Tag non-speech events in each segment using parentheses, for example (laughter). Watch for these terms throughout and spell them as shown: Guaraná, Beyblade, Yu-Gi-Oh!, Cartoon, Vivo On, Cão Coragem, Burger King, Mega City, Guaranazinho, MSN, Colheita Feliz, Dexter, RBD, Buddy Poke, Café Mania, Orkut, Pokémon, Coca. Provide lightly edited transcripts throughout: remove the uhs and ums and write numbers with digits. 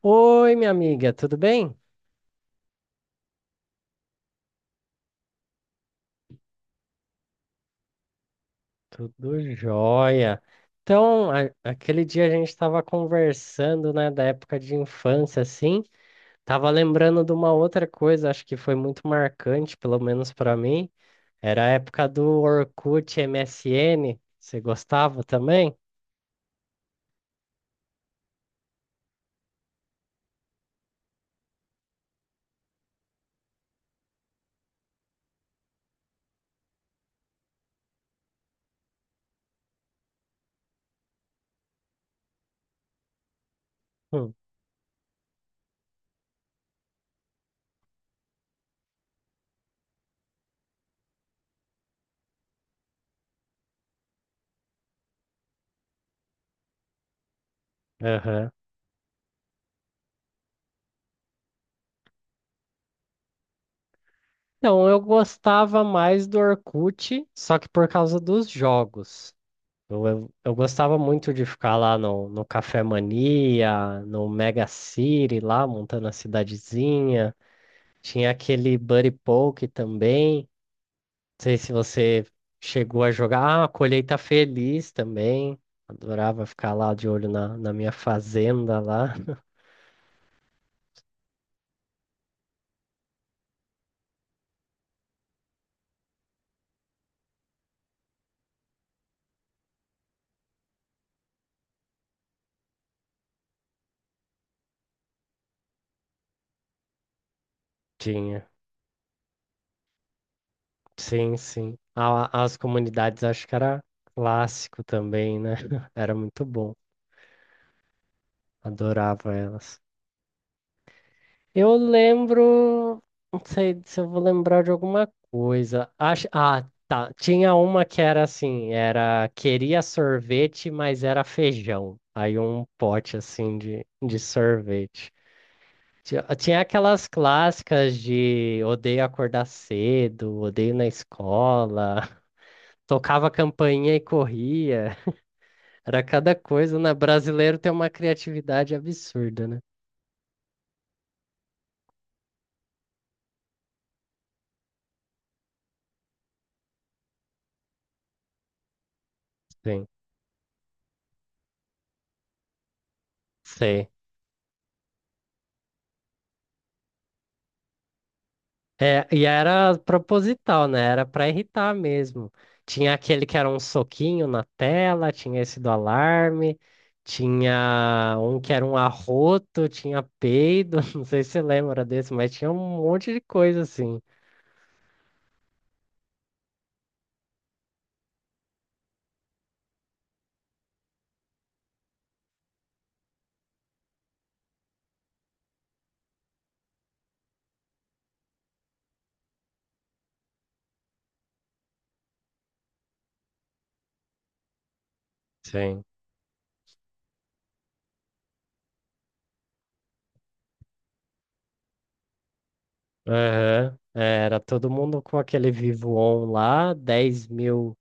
Oi, minha amiga, tudo bem? Tudo jóia. Então, aquele dia a gente estava conversando, né, da época de infância, assim, tava lembrando de uma outra coisa, acho que foi muito marcante, pelo menos para mim, era a época do Orkut MSN. Você gostava também? Hum, aham. Então, eu gostava mais do Orkut, só que por causa dos jogos. Eu gostava muito de ficar lá no Café Mania, no Mega City, lá montando a cidadezinha. Tinha aquele Buddy Poke também. Não sei se você chegou a jogar. Ah, Colheita Feliz também. Adorava ficar lá de olho na minha fazenda lá. Tinha. Sim, sim. As comunidades acho que era clássico também, né? (laughs) Era muito bom. Adorava elas. Eu lembro, não sei se eu vou lembrar de alguma coisa. Acho, ah, tá. Tinha uma que era assim, era queria sorvete, mas era feijão. Aí um pote assim de sorvete. Tinha aquelas clássicas de odeio acordar cedo, odeio na escola, (laughs) tocava campainha e corria. Era cada coisa, né? Brasileiro tem uma criatividade absurda, né? Sim, sei. É, e era proposital, né? Era pra irritar mesmo. Tinha aquele que era um soquinho na tela, tinha esse do alarme, tinha um que era um arroto, tinha peido, (laughs) não sei se você lembra desse, mas tinha um monte de coisa assim. Sim. Aham. É, era todo mundo com aquele Vivo On lá, 10 mil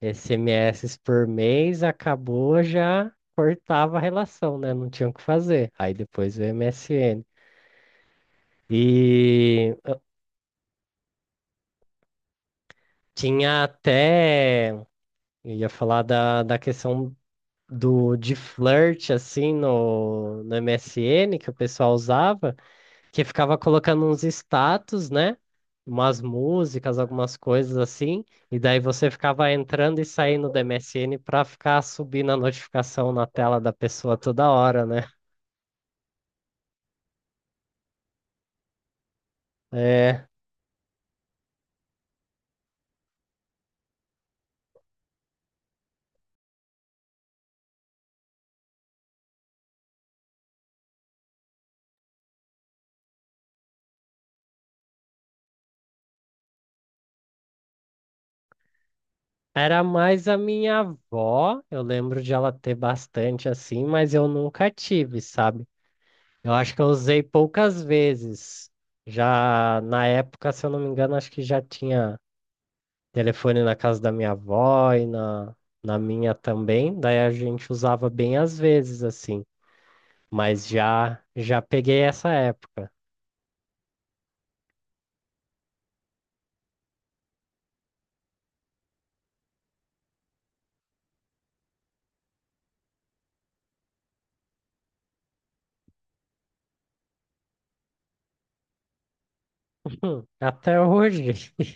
SMS por mês, acabou, já cortava a relação, né? Não tinha o que fazer. Aí depois o MSN. E tinha até, eu ia falar da, questão do de flirt assim no MSN que o pessoal usava, que ficava colocando uns status, né? Umas músicas, algumas coisas assim, e daí você ficava entrando e saindo do MSN pra ficar subindo a notificação na tela da pessoa toda hora, né? É, era mais a minha avó, eu lembro de ela ter bastante assim, mas eu nunca tive, sabe? Eu acho que eu usei poucas vezes. Já na época, se eu não me engano, acho que já tinha telefone na casa da minha avó e na, na minha também. Daí a gente usava bem às vezes, assim. Mas já já peguei essa época. Até hoje. (laughs)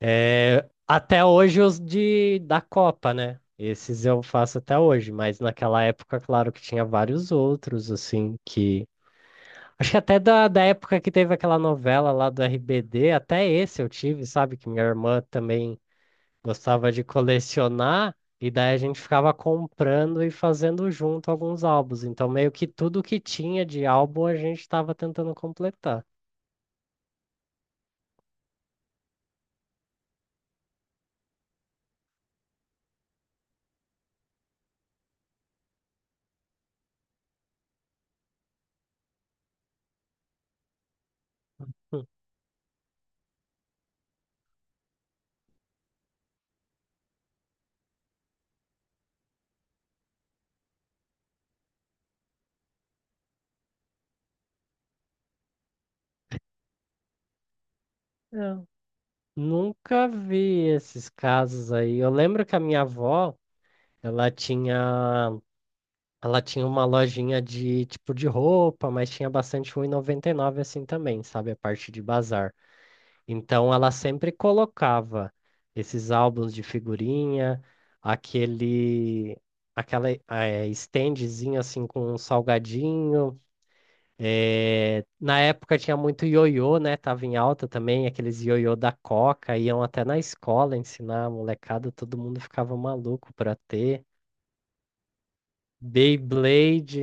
É, até hoje os de da Copa, né? Esses eu faço até hoje, mas naquela época, claro que tinha vários outros, assim, que acho que até da, da época que teve aquela novela lá do RBD, até esse eu tive, sabe? Que minha irmã também gostava de colecionar, e daí a gente ficava comprando e fazendo junto alguns álbuns. Então, meio que tudo que tinha de álbum a gente estava tentando completar. Hum. Não. Nunca vi esses casos aí. Eu lembro que a minha avó, ela tinha, ela tinha uma lojinha de tipo de roupa, mas tinha bastante 1,99 assim também, sabe? A parte de bazar. Então ela sempre colocava esses álbuns de figurinha, aquele, aquela standzinha assim com um salgadinho. Na época tinha muito ioiô, né? Tava em alta também, aqueles ioiô da Coca, iam até na escola ensinar a molecada, todo mundo ficava maluco pra ter. Beyblade,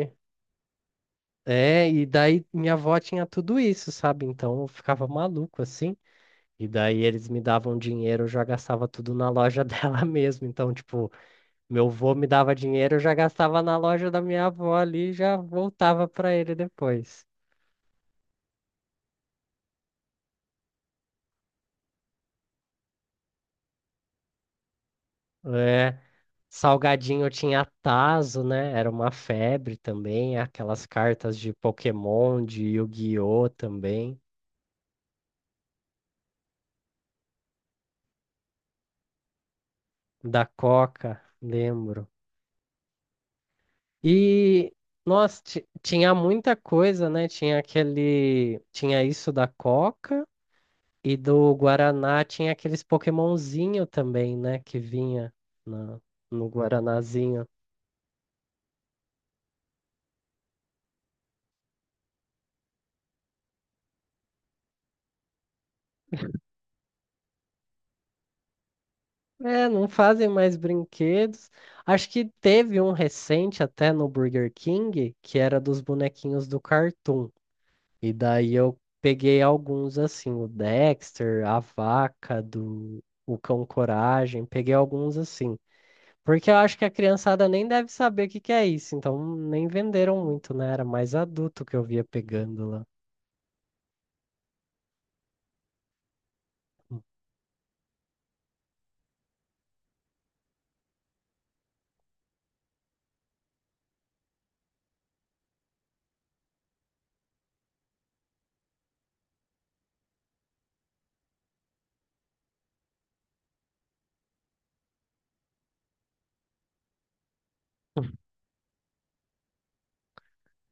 é, e daí minha avó tinha tudo isso, sabe? Então eu ficava maluco assim. E daí eles me davam dinheiro, eu já gastava tudo na loja dela (laughs) mesmo. Então, tipo, meu vô me dava dinheiro, eu já gastava na loja da minha avó ali e já voltava pra ele depois. É, salgadinho tinha tazo né? Era uma febre também, aquelas cartas de Pokémon, de Yu-Gi-Oh! Também, da Coca, lembro. E nossa, tinha muita coisa, né? Tinha aquele, tinha isso da Coca e do Guaraná tinha aqueles Pokémonzinho também, né? Que vinha na- no Guaranazinho. É, não fazem mais brinquedos. Acho que teve um recente até no Burger King, que era dos bonequinhos do Cartoon. E daí eu peguei alguns assim, o Dexter, a vaca do o Cão Coragem, peguei alguns assim. Porque eu acho que a criançada nem deve saber o que que é isso, então nem venderam muito, né? Era mais adulto que eu via pegando lá.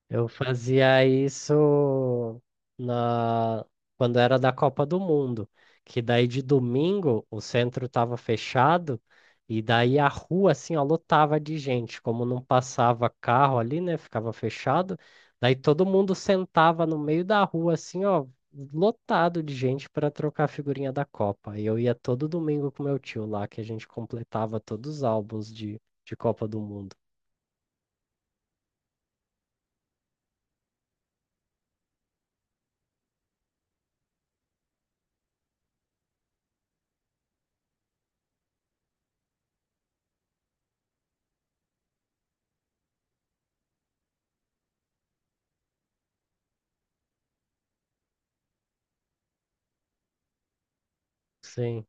Eu fazia isso na... quando era da Copa do Mundo, que daí de domingo o centro estava fechado e daí a rua assim, ó, lotava de gente, como não passava carro ali, né, ficava fechado, daí todo mundo sentava no meio da rua assim, ó, lotado de gente para trocar a figurinha da Copa. E eu ia todo domingo com meu tio lá, que a gente completava todos os álbuns de Copa do Mundo. Sim,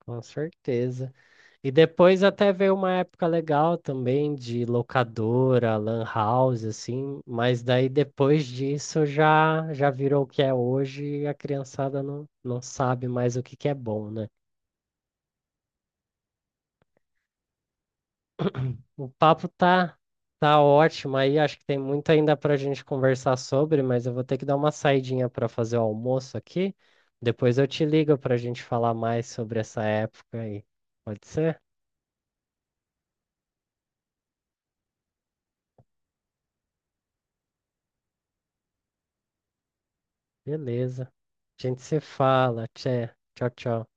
com certeza. E depois até veio uma época legal também de locadora, lan house, assim, mas daí depois disso já já virou o que é hoje e a criançada não, não sabe mais o que que é bom, né? O papo tá ótimo aí, acho que tem muito ainda pra gente conversar sobre, mas eu vou ter que dar uma saidinha para fazer o almoço aqui. Depois eu te ligo pra gente falar mais sobre essa época aí. Pode ser? Beleza. A gente se fala. Tchê. Tchau, tchau.